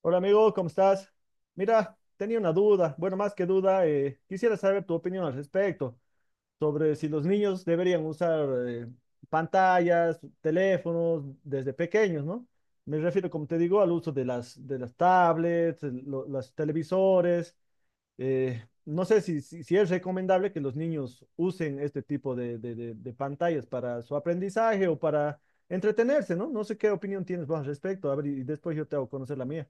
Hola amigo, ¿cómo estás? Mira, tenía una duda, bueno, más que duda, quisiera saber tu opinión al respecto sobre si los niños deberían usar pantallas, teléfonos desde pequeños, ¿no? Me refiero, como te digo, al uso de las tablets, los televisores. No sé si es recomendable que los niños usen este tipo de pantallas para su aprendizaje o para entretenerse, ¿no? No sé qué opinión tienes vos al respecto, a ver, y después yo te hago conocer la mía.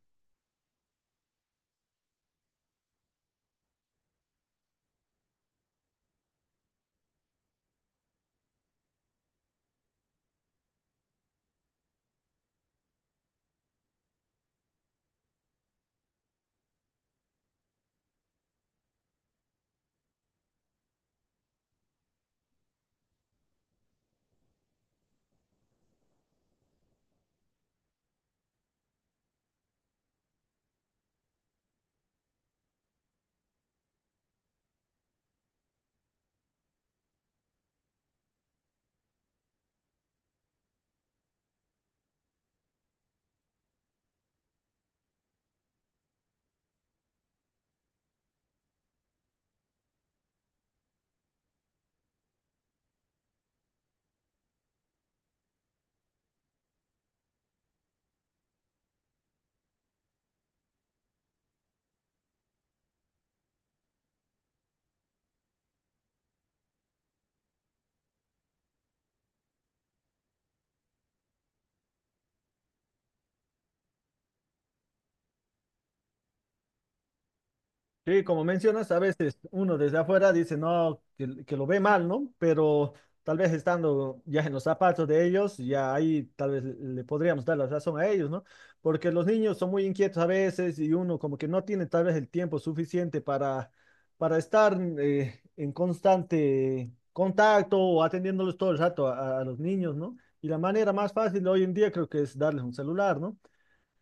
Sí, como mencionas, a veces uno desde afuera dice, no, que lo ve mal, ¿no? Pero tal vez estando ya en los zapatos de ellos, ya ahí tal vez le podríamos dar la razón a ellos, ¿no? Porque los niños son muy inquietos a veces y uno como que no tiene tal vez el tiempo suficiente para estar en constante contacto o atendiéndolos todo el rato a los niños, ¿no? Y la manera más fácil hoy en día creo que es darles un celular, ¿no?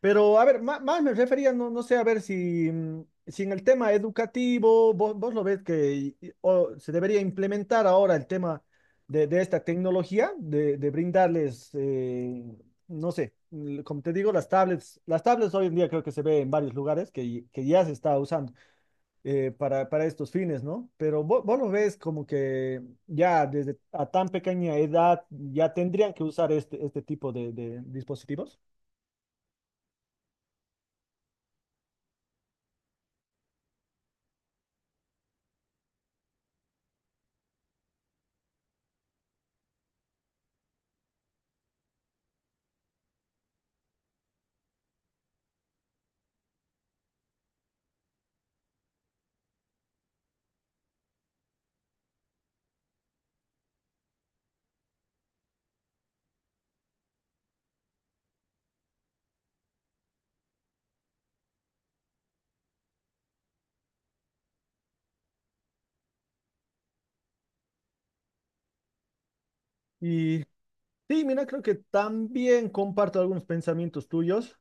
Pero a ver, más, me refería, no, no sé, a ver si, si en el tema educativo vos lo ves que o se debería implementar ahora el tema de esta tecnología, de brindarles, no sé, como te digo, las tablets hoy en día creo que se ve en varios lugares que ya se está usando para estos fines, ¿no? Pero vos lo ves como que ya desde a tan pequeña edad ya tendrían que usar este, este tipo de dispositivos. Y sí, mira, creo que también comparto algunos pensamientos tuyos,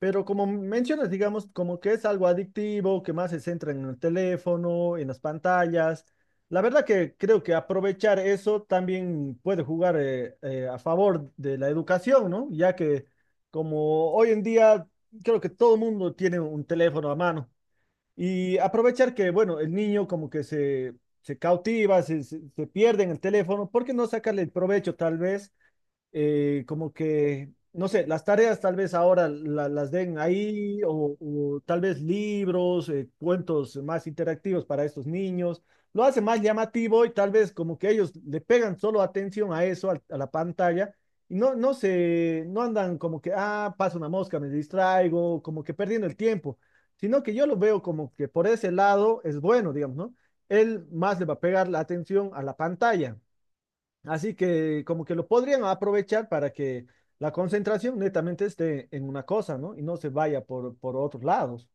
pero como mencionas, digamos, como que es algo adictivo, que más se centra en el teléfono, en las pantallas. La verdad que creo que aprovechar eso también puede jugar a favor de la educación, ¿no? Ya que como hoy en día creo que todo el mundo tiene un teléfono a mano y aprovechar que, bueno, el niño como que se cautiva, se, se pierde en el teléfono. ¿Por qué no sacarle el provecho tal vez? Como que, no sé, las tareas tal vez ahora las den ahí o tal vez libros, cuentos más interactivos para estos niños. Lo hace más llamativo y tal vez como que ellos le pegan solo atención a eso, a la pantalla, y no, no andan como que, ah, pasa una mosca, me distraigo, como que perdiendo el tiempo, sino que yo lo veo como que por ese lado es bueno, digamos, ¿no? Él más le va a pegar la atención a la pantalla. Así que como que lo podrían aprovechar para que la concentración netamente esté en una cosa, ¿no? Y no se vaya por otros lados.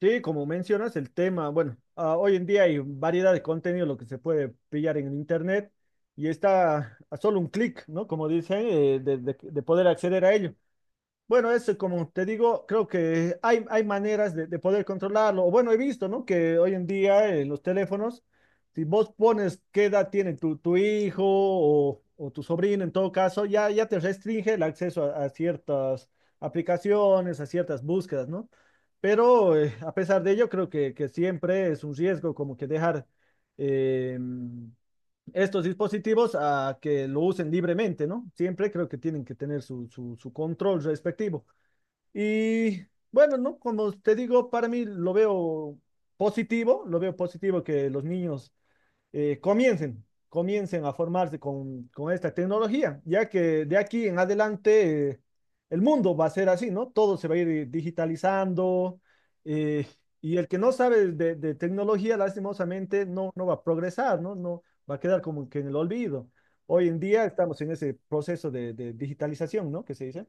Sí, como mencionas, el tema, bueno, ah, hoy en día hay variedad de contenido, lo que se puede pillar en el internet y está a solo un clic, ¿no? Como dicen, de, de poder acceder a ello. Bueno, eso como te digo, creo que hay maneras de poder controlarlo. O bueno, he visto, ¿no? Que hoy en día los teléfonos, si vos pones qué edad tiene tu, tu hijo o tu sobrino, en todo caso, ya, ya te restringe el acceso a ciertas aplicaciones, a ciertas búsquedas, ¿no? Pero a pesar de ello, creo que siempre es un riesgo como que dejar eh, estos dispositivos a que lo usen libremente, ¿no? Siempre creo que tienen que tener su, su control respectivo. Y bueno, ¿no? Como te digo, para mí lo veo positivo que los niños comiencen, comiencen a formarse con esta tecnología, ya que de aquí en adelante el mundo va a ser así, ¿no? Todo se va a ir digitalizando eh, y el que no sabe de tecnología, lastimosamente, no, no va a progresar, ¿no? No va a quedar como que en el olvido. Hoy en día estamos en ese proceso de digitalización, ¿no? Que se dice.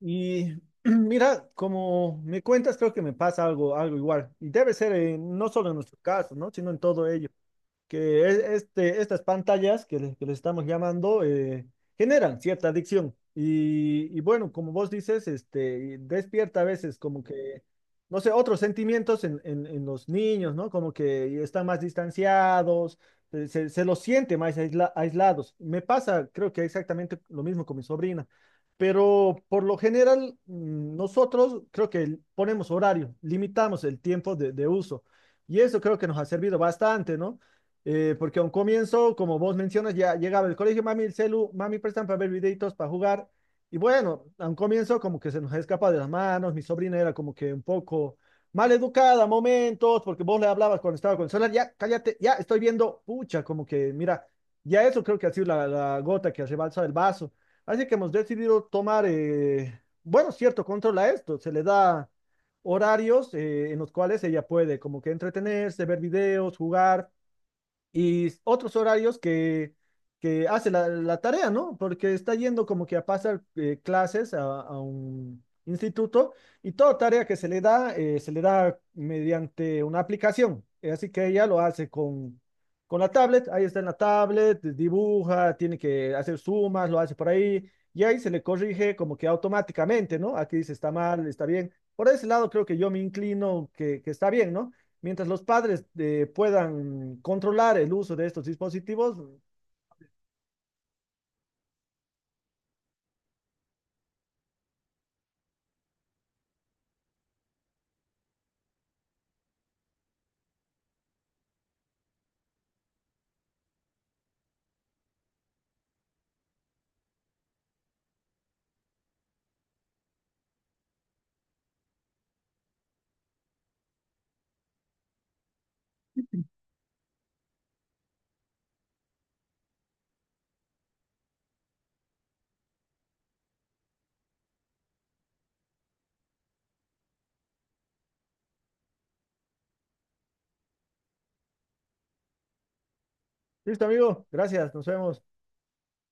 Y mira, como me cuentas, creo que me pasa algo, algo igual. Y debe ser no solo en nuestro caso, ¿no? Sino en todo ello que este, estas pantallas que le estamos llamando generan cierta adicción. Y bueno, como vos dices, este, despierta a veces como que, no sé, otros sentimientos en, en los niños, ¿no? Como que están más distanciados, se, se los siente más aislados. Me pasa, creo que exactamente lo mismo con mi sobrina. Pero por lo general, nosotros creo que ponemos horario, limitamos el tiempo de uso. Y eso creo que nos ha servido bastante, ¿no? Porque a un comienzo, como vos mencionas, ya llegaba el colegio, mami, el celu, mami, prestan para ver videitos, para jugar. Y bueno, a un comienzo como que se nos escapa de las manos, mi sobrina era como que un poco mal educada a momentos, porque vos le hablabas cuando estaba con el celular, ya, cállate, ya estoy viendo, pucha, como que, mira, ya eso creo que ha sido la, la gota que rebalsa el vaso. Así que hemos decidido tomar, bueno, cierto control a esto, se le da horarios en los cuales ella puede como que entretenerse, ver videos, jugar y otros horarios que hace la, la tarea, ¿no? Porque está yendo como que a pasar clases a un instituto y toda tarea que se le da mediante una aplicación. Así que ella lo hace con la tablet, ahí está en la tablet, dibuja, tiene que hacer sumas, lo hace por ahí y ahí se le corrige como que automáticamente, ¿no? Aquí dice está mal, está bien. Por ese lado creo que yo me inclino que está bien, ¿no? Mientras los padres puedan controlar el uso de estos dispositivos. Listo, amigo. Gracias. Nos vemos.